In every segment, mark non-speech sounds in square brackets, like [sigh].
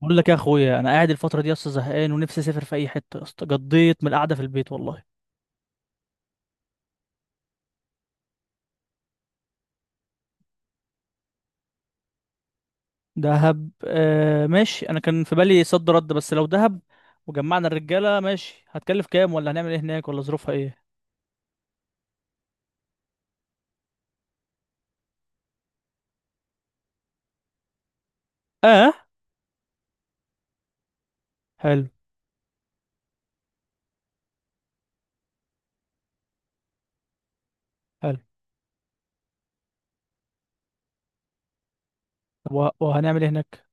بقول لك يا اخويا، انا قاعد الفتره دي اصلا زهقان ونفسي اسافر في اي حته يا اسطى. قضيت من القعده في البيت والله. دهب آه ماشي، انا كان في بالي صد رد، بس لو دهب وجمعنا الرجاله ماشي، هتكلف كام ولا هنعمل ايه هناك ولا ظروفها ايه؟ اه. حلو حلو. طب وهنعمل ايه هناك؟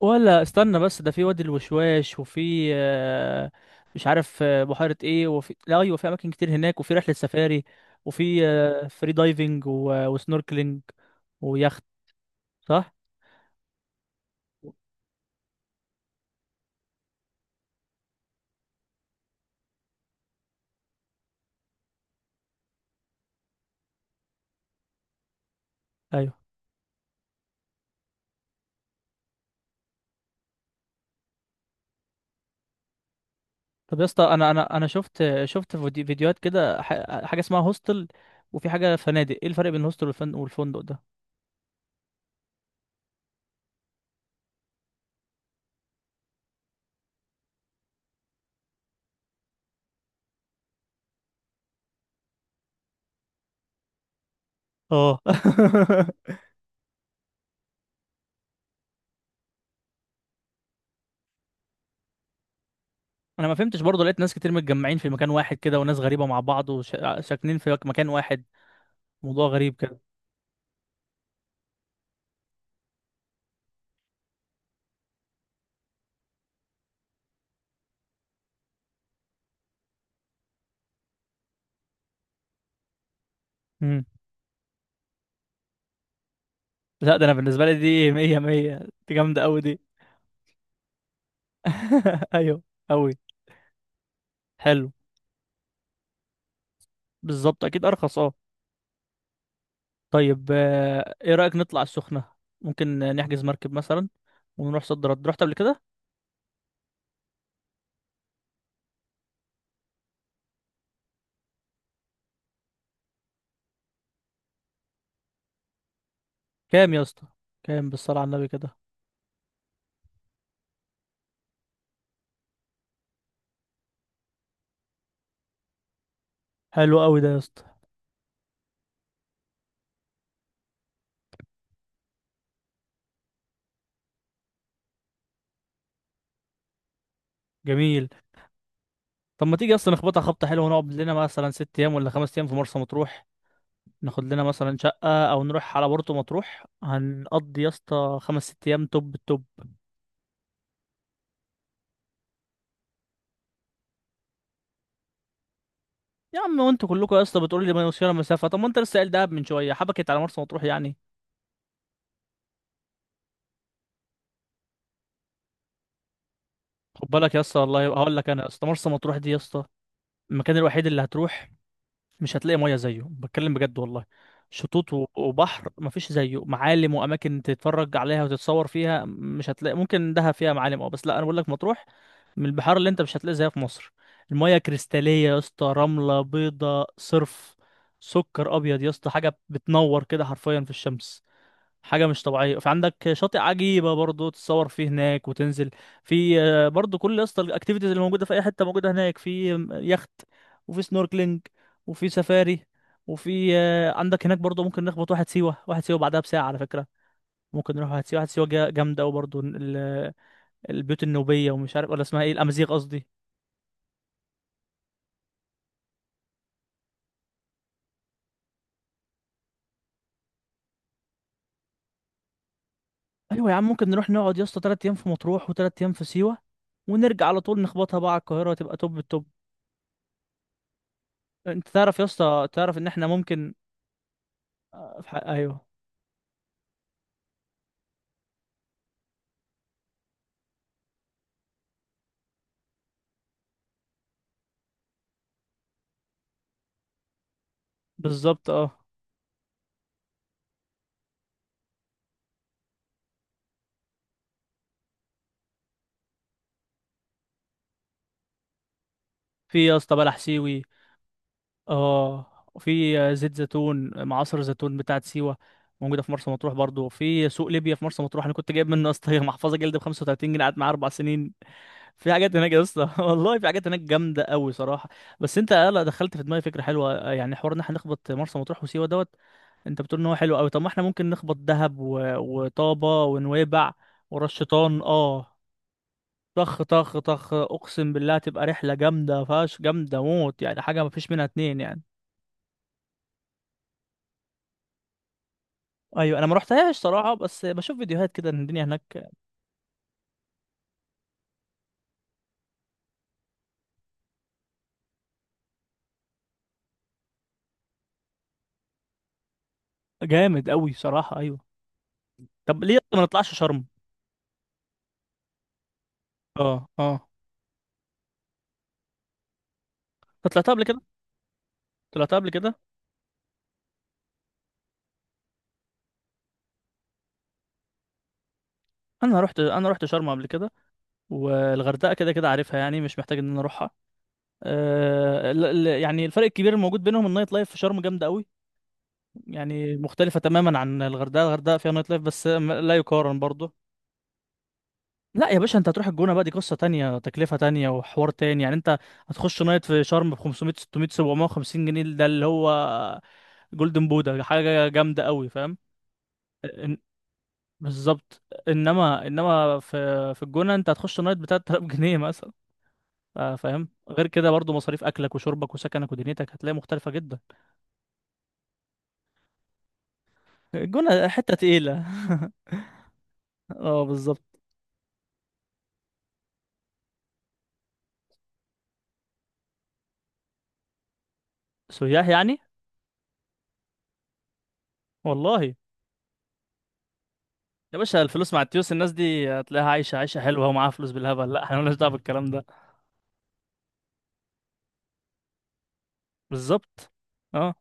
ولا استنى، بس ده في وادي الوشواش، وفي مش عارف بحيره ايه، وفي لا ايوه في اماكن كتير هناك، وفي رحله سفاري، وفي فري دايفنج وسنوركلينج، ويخت. صح؟ ايوه. طب يا اسطى انا شفت فيديوهات كده، حاجه اسمها هوستل، وفي حاجه فنادق. ايه الفرق بين الهوستل والفندق ده؟ اه. [laughs] انا ما فهمتش برضه، لقيت ناس كتير متجمعين في مكان واحد كده وناس غريبه مع بعض وساكنين في مكان واحد. موضوع غريب كده. امم لا، ده انا بالنسبه لي دي مية مية، دي جامده قوي دي. [laughs] ايوه قوي. حلو. بالظبط اكيد ارخص، اه. طيب ايه رايك نطلع السخنه؟ ممكن نحجز مركب مثلا، ونروح صد رد، رحت قبل كده؟ كام يا اسطى، كام بالصلاة على النبي كده؟ حلو قوي ده يا اسطى. جميل. طب ما تيجي اصلا نخبطها خبطة حلوة، ونقعد لنا مثلا 6 ايام ولا 5 ايام في مرسى مطروح؟ ناخد لنا مثلا شقة او نروح على بورتو مطروح، هنقضي يا اسطى 5 6 ايام توب التوب. يا عم وانتوا كلكم يا اسطى بتقولوا لي ما يوصلنا مسافة، طب ما انت لسه قايل دهب من شوية، حبكت على مرسى مطروح يعني. خد بالك يا اسطى، والله هقول لك انا يا اسطى، مرسى مطروح دي يا اسطى المكان الوحيد اللي هتروح مش هتلاقي ميه زيه، بتكلم بجد والله. شطوط وبحر مفيش زيه، معالم واماكن تتفرج عليها وتتصور فيها مش هتلاقي. ممكن دهب فيها معالم اه، بس لا، انا بقول لك مطروح من البحار اللي انت مش هتلاقي زيها في مصر. الميه كريستاليه يا اسطى، رمله بيضه صرف، سكر ابيض يا اسطى، حاجه بتنور كده حرفيا في الشمس، حاجة مش طبيعية. فعندك شاطئ عجيبة برضو تتصور فيه هناك وتنزل. في برضو كل اسطى الاكتيفيتيز اللي موجودة في أي حتة موجودة هناك. في يخت، وفي سنوركلينج، وفي سفاري، وفي عندك هناك برضو ممكن نخبط واحد سيوة واحد سيوة بعدها بساعة على فكرة. ممكن نروح واحد سيوة واحد سيوة جامدة، وبرضو البيوت النوبية، ومش عارف ولا اسمها ايه، الأمازيغ قصدي. أيوة يا عم، ممكن نروح نقعد يا اسطى 3 أيام في مطروح وتلات أيام في سيوة، ونرجع على طول نخبطها بقى على القاهرة تبقى توب التوب. انت تعرف يا اسطى، تعرف ان احنا ممكن في حق، ايوه بالظبط، اه. في يا اسطى بلح سيوي، اه. وفي زيت زيتون، معصر زيتون بتاعت سيوة موجودة في مرسى مطروح برضو، في سوق ليبيا في مرسى مطروح. انا كنت جايب منه يا اسطى [laughs] محفظة جلد ب 35 جنيه، قعدت معايا 4 سنين. في حاجات هناك يا اسطى، [laughs] والله في حاجات هناك جامدة قوي صراحة. بس انت لا، دخلت في دماغي فكرة حلوة، يعني حوار ان احنا نخبط مرسى مطروح وسيوة دوت. انت بتقول ان هو حلو قوي، طب ما احنا ممكن نخبط دهب وطابة ونويبع ورش شيطان، اه. طخ طخ طخ، اقسم بالله تبقى رحله جامده فاش، جامده موت يعني، حاجه ما فيش منها اتنين يعني. ايوه انا ما رحتهاش صراحه، بس بشوف فيديوهات كده ان الدنيا هناك جامد قوي صراحه، ايوه. طب ليه ما نطلعش شرم؟ اه اه. أنت طلعتها قبل كده؟ طلعتها قبل كده؟ انا رحت شرم قبل كده، والغردقه كده كده عارفها يعني، مش محتاج ان انا اروحها. أه يعني الفرق الكبير الموجود بينهم النايت لايف في شرم جامده قوي، يعني مختلفه تماما عن الغردقه. الغردقه فيها نايت لايف، بس لا يقارن برضه. لا يا باشا، انت هتروح الجونة بقى، دي قصة تانية، تكلفة تانية، وحوار تاني يعني. انت هتخش نايت في شرم ب 500 600 750 جنيه، ده اللي هو جولدن بودا، حاجة جامدة قوي، فاهم؟ ان- بالظبط. انما في الجونة انت هتخش نايت ب 3000 جنيه مثلا، فاهم؟ غير كده برضو مصاريف اكلك وشربك وسكنك ودنيتك هتلاقي مختلفة جدا. الجونة حتة تقيلة. [laughs] اه بالظبط. سياح يعني. والله يا باشا الفلوس مع التيوس الناس دي هتلاقيها عايشة عيشة حلوة ومعاها فلوس بالهبل، لا احنا مالناش دعوة بالكلام ده. بالظبط، اه.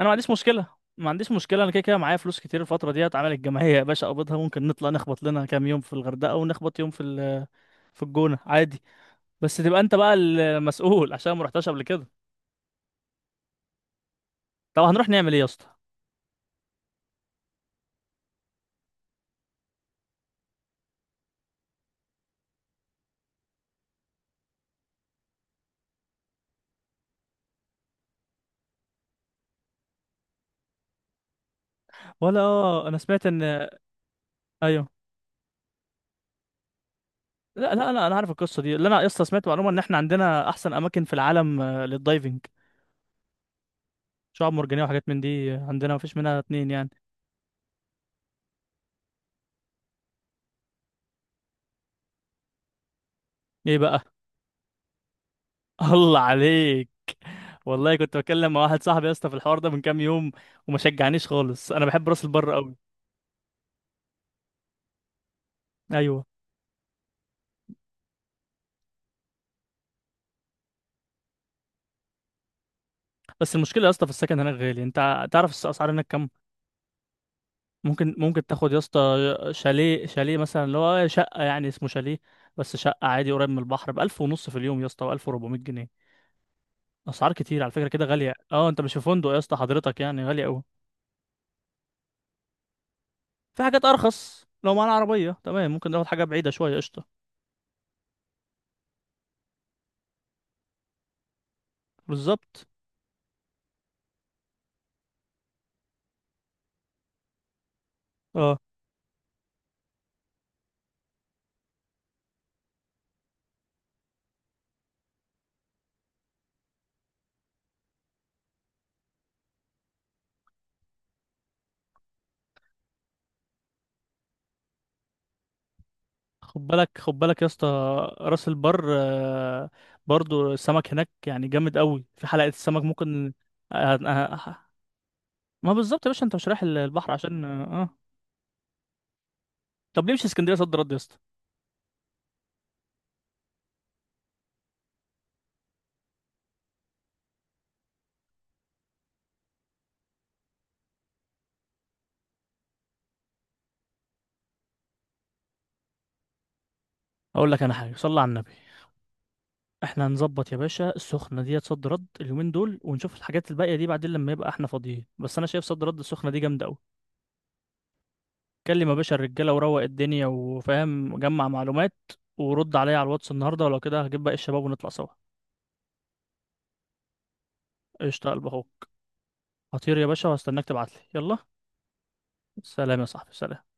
انا ما عنديش مشكله، ما عنديش مشكله، انا كده كده معايا فلوس كتير الفتره دي، هتعمل الجمعيه يا باشا اقبضها، ممكن نطلع نخبط لنا كام يوم في الغردقه ونخبط يوم في في الجونه عادي، بس تبقى انت بقى المسؤول عشان ما رحتش قبل كده. طب هنروح نعمل ايه يا اسطى؟ ولا انا سمعت ان، ايوه. لا لا لا انا عارف القصه دي، اللي انا يا اسطى سمعت معلومه ان احنا عندنا احسن اماكن في العالم للدايفنج، شعاب مرجانيه وحاجات من دي، عندنا مفيش منها اتنين يعني. ايه بقى؟ [laughs] الله عليك، والله كنت بتكلم مع واحد صاحبي يا اسطى في الحوار ده من كام يوم، وما شجعنيش خالص، انا بحب راس البر قوي، ايوه. بس المشكله يا اسطى في السكن هناك غالي، انت تعرف الاسعار هناك كام؟ ممكن تاخد يا اسطى شاليه، شاليه مثلا اللي هو شقه يعني اسمه شاليه، بس شقه عادي قريب من البحر ب 1000 ونص في اليوم يا اسطى، و1400 جنيه. اسعار كتير على فكره كده غاليه، اه انت مش في فندق يا اسطى حضرتك يعني، غاليه قوي. في حاجات ارخص لو معانا عربيه تمام، ممكن ناخد حاجه بعيده شويه، قشطه. بالظبط، اه. خد بالك خد بالك يا اسطى، راس البر برضو السمك هناك يعني جامد قوي، في حلقة السمك ممكن. آه، آه، آه، ما بالظبط يا باشا، انت مش رايح البحر عشان. طب ليه مش اسكندرية صد رد يا اسطى؟ اقول لك انا حاجة، صلي على النبي، احنا هنظبط يا باشا السخنة ديت صد رد اليومين دول ونشوف الحاجات الباقية دي بعدين لما يبقى احنا فاضيين، بس انا شايف صد رد السخنة دي جامدة قوي. كلم يا باشا الرجالة وروق الدنيا وفاهم جمع معلومات، ورد عليا على الواتس النهاردة، ولو كده هجيب باقي الشباب ونطلع سوا. قشطة يا قلب اخوك، هطير يا باشا وهستناك تبعتلي، يلا سلام يا صاحبي، سلام.